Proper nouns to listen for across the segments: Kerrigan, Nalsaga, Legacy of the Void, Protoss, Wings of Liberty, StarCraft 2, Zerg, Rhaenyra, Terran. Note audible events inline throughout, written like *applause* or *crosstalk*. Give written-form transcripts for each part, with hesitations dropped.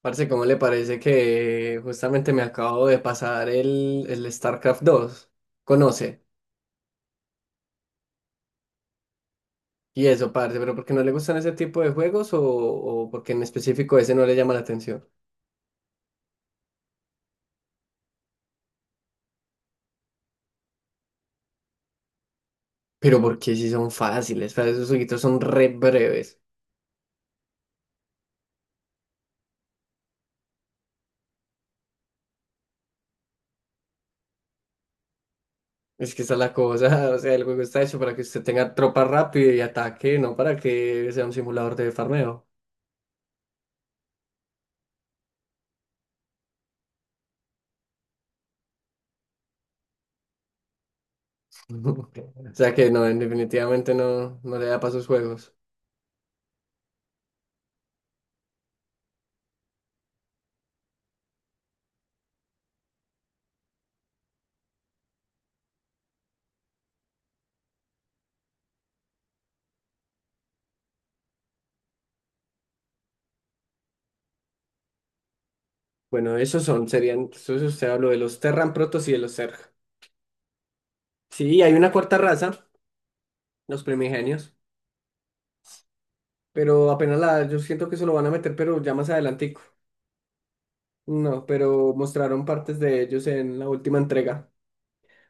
Parce, ¿cómo le parece que justamente me acabo de pasar el StarCraft 2? Conoce. Y eso, parce, pero ¿por qué no le gustan ese tipo de juegos o porque en específico ese no le llama la atención? Pero porque sí son fáciles, parce, esos jueguitos son re breves. Es que esa es la cosa, *laughs* o sea, el juego está hecho para que usted tenga tropa rápida y ataque, no para que sea un simulador de farmeo. *laughs* O sea que no, definitivamente no, no le da para sus juegos. Bueno, esos son, serían, entonces usted habló de los Terran Protoss y de los Zerg. Sí, hay una cuarta raza, los primigenios, pero apenas la, yo siento que se lo van a meter, pero ya más adelantico. No, pero mostraron partes de ellos en la última entrega,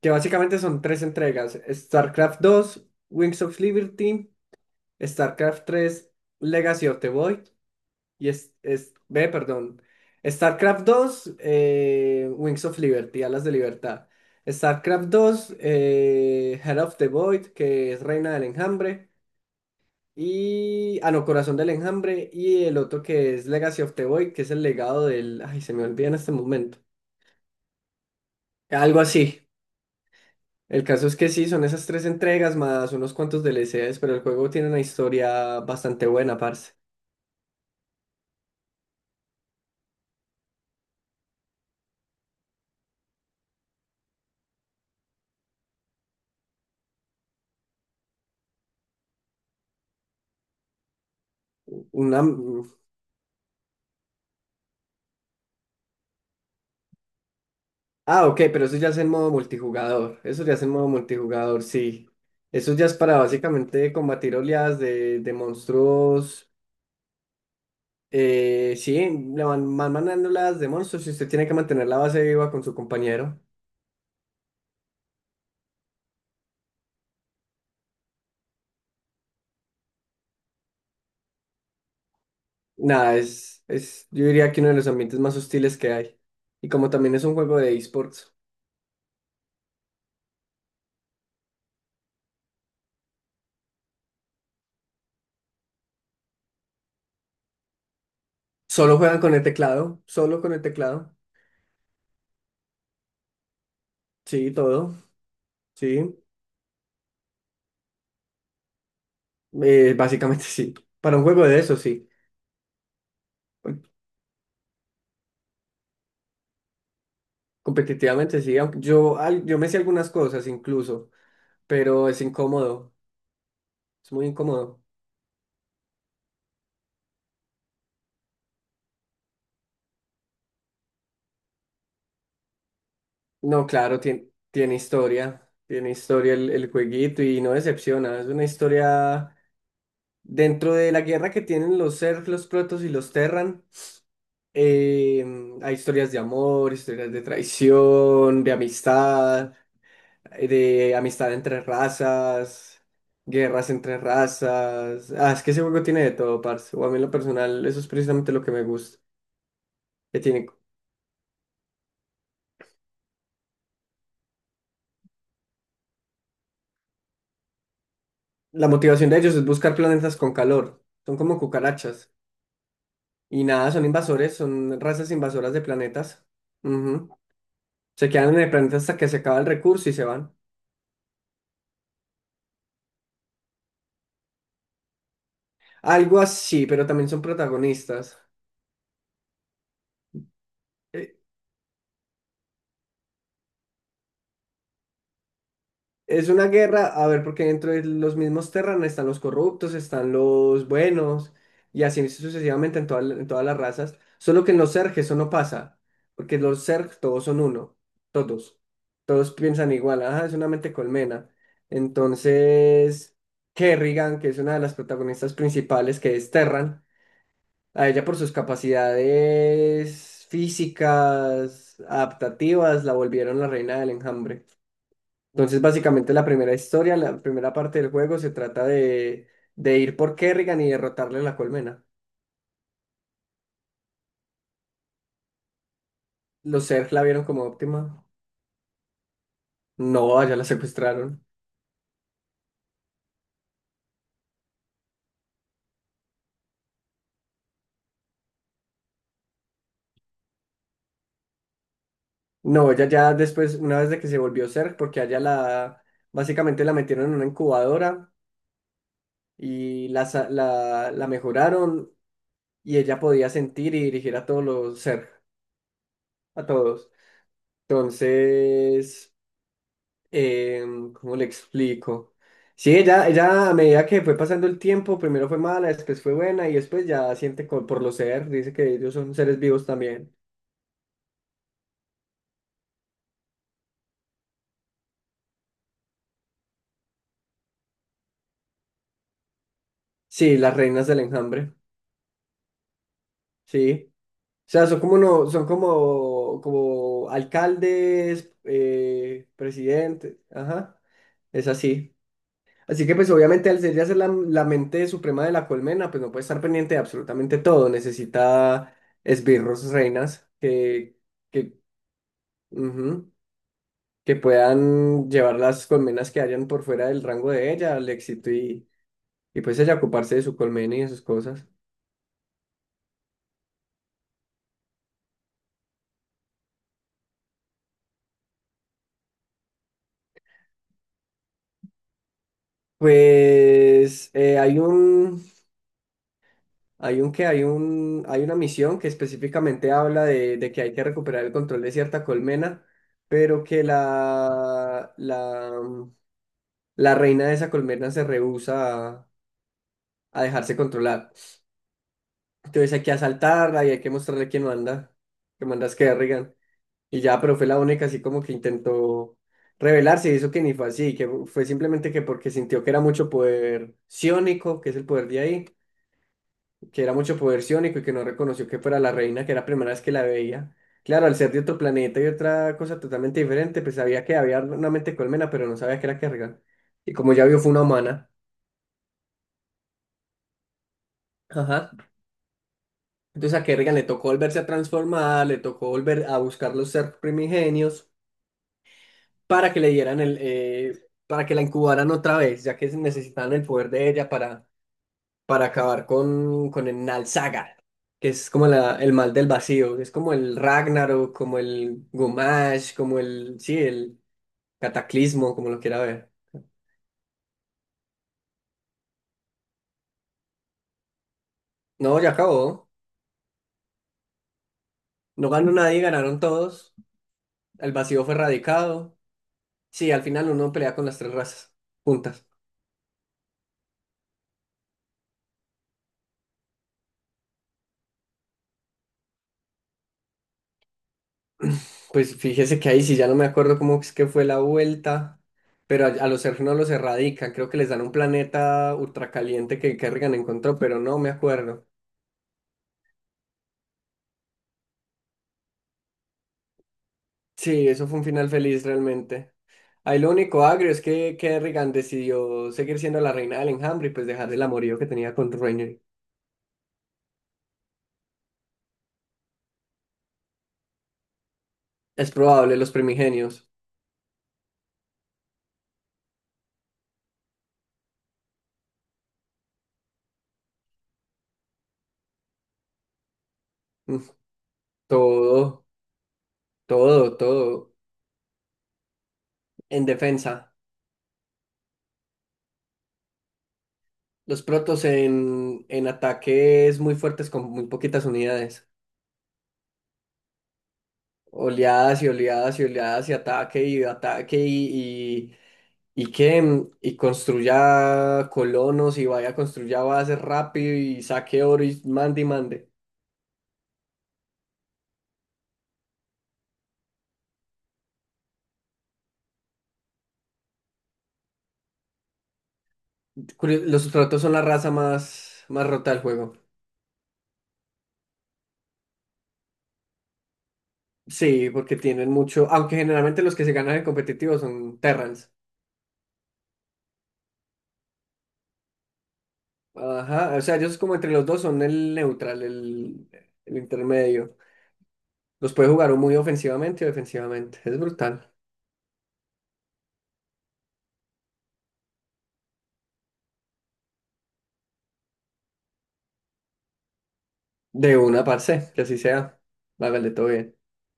que básicamente son tres entregas, StarCraft dos, Wings of Liberty, StarCraft 3, Legacy of the Void, y ve, perdón, StarCraft dos, Wings of Liberty, Alas de Libertad, StarCraft dos, Head of the Void, que es Reina del Enjambre, y. Ah, no, Corazón del Enjambre. Y el otro que es Legacy of the Void, que es el legado del. Ay, se me olvida en este momento. Algo así. El caso es que sí, son esas tres entregas más unos cuantos DLCs, pero el juego tiene una historia bastante buena, parce. Una... Ah, ok, pero eso ya es en modo multijugador. Eso ya es en modo multijugador, sí. Eso ya es para básicamente combatir oleadas de monstruos. Sí, van mandando oleadas de monstruos y usted tiene que mantener la base viva con su compañero. Nada, yo diría que uno de los ambientes más hostiles que hay. Y como también es un juego de esports, solo juegan con el teclado, solo con el teclado. Sí, todo, sí. Básicamente *laughs* sí. Para un juego de eso, sí. Competitivamente sí, aunque yo me sé algunas cosas incluso, pero es incómodo, es muy incómodo. No, claro, tiene, tiene historia el jueguito y no decepciona. Es una historia dentro de la guerra que tienen los Zerg, los Protoss y los Terran. Eh, Hay historias de amor, historias de traición, de amistad entre razas, guerras entre razas. Ah, es que ese juego tiene de todo, parce. O a mí en lo personal, eso es precisamente lo que me gusta. Que tiene... La motivación de ellos es buscar planetas con calor. Son como cucarachas. Y nada, son invasores, son razas invasoras de planetas. Ujú. Se quedan en el planeta hasta que se acaba el recurso y se van. Algo así, pero también son protagonistas. Es una guerra, a ver, porque dentro de los mismos Terran están los corruptos, están los buenos, y así sucesivamente en, en todas las razas. Solo que en los Zerg eso no pasa, porque los Zerg todos son uno, todos. Todos piensan igual, ajá, es una mente colmena. Entonces, Kerrigan, que es una de las protagonistas principales, que es Terran, a ella por sus capacidades físicas, adaptativas, la volvieron la reina del enjambre. Entonces, básicamente la primera historia, la primera parte del juego se trata de ir por Kerrigan y derrotarle la colmena. Los Zerg la vieron como óptima. No, allá la secuestraron. No, ella ya después, una vez de que se volvió Zerg, porque allá la, básicamente la metieron en una incubadora y la mejoraron y ella podía sentir y dirigir a todos los Zerg, a todos. Entonces... Eh, ¿Cómo le explico? Sí, ella a medida que fue pasando el tiempo, primero fue mala, después fue buena y después ya siente por los seres, dice que ellos son seres vivos también. Sí, las reinas del enjambre, sí. O sea, son como, no, son como, como alcaldes, presidentes, ajá, es así. Así que pues obviamente al ser la mente suprema de la colmena, pues no puede estar pendiente de absolutamente todo, necesita esbirros, reinas, que Ujú. Que puedan llevar las colmenas que hayan por fuera del rango de ella al éxito y pues ella ocuparse de su colmena y de sus cosas. Pues hay un que hay un, hay una misión que específicamente habla de que hay que recuperar el control de cierta colmena, pero que la reina de esa colmena se rehúsa a dejarse controlar. Entonces hay que asaltarla y hay que mostrarle quién manda, que manda es Kerrigan. Y ya, pero fue la única así como que intentó rebelarse y eso que ni fue así, que fue simplemente que porque sintió que era mucho poder ciónico, que es el poder de ahí, que era mucho poder ciónico y que no reconoció que fuera la reina, que era la primera vez que la veía. Claro, al ser de otro planeta y otra cosa totalmente diferente, pues sabía que había una mente colmena, pero no sabía que era Kerrigan. Y como ya vio, fue una humana. Ajá. Entonces a Kerrigan le tocó volverse a transformar, le tocó volver a buscar los ser primigenios. Para que le dieran el, para que la incubaran otra vez, ya que necesitaban el poder de ella para acabar con el Nalsaga, que es como la, el mal del vacío, es como el Ragnarok, como el Gumash, como el, sí, el Cataclismo, como lo quiera ver. No, ya acabó, no ganó nadie, ganaron todos, el vacío fue erradicado, sí, al final uno pelea con las tres razas juntas. Pues fíjese que ahí sí ya no me acuerdo cómo es que fue la vuelta, pero a los elfos no los erradican, creo que les dan un planeta ultracaliente que Kerrigan encontró, pero no me acuerdo. Sí, eso fue un final feliz realmente. Ahí lo único agrio es que Kerrigan decidió seguir siendo la reina del enjambre y pues dejar el amorío que tenía con Rhaenyra. Es probable, los primigenios. Mm, Todo, todo, todo en defensa. Los protos en ataque es muy fuertes con muy poquitas unidades. Oleadas y oleadas y oleadas y ataque y ataque y que y construya colonos y vaya construya bases rápido y saque oro y mande y mande. Los sustratos son la raza más rota del juego. Sí, porque tienen mucho, aunque generalmente los que se ganan en competitivo son Terrans. Ajá, o sea, ellos como entre los dos son el neutral, el, intermedio. Los puede jugar o muy ofensivamente o defensivamente. Es brutal. De una, parce, que así sea. Hágale todo bien.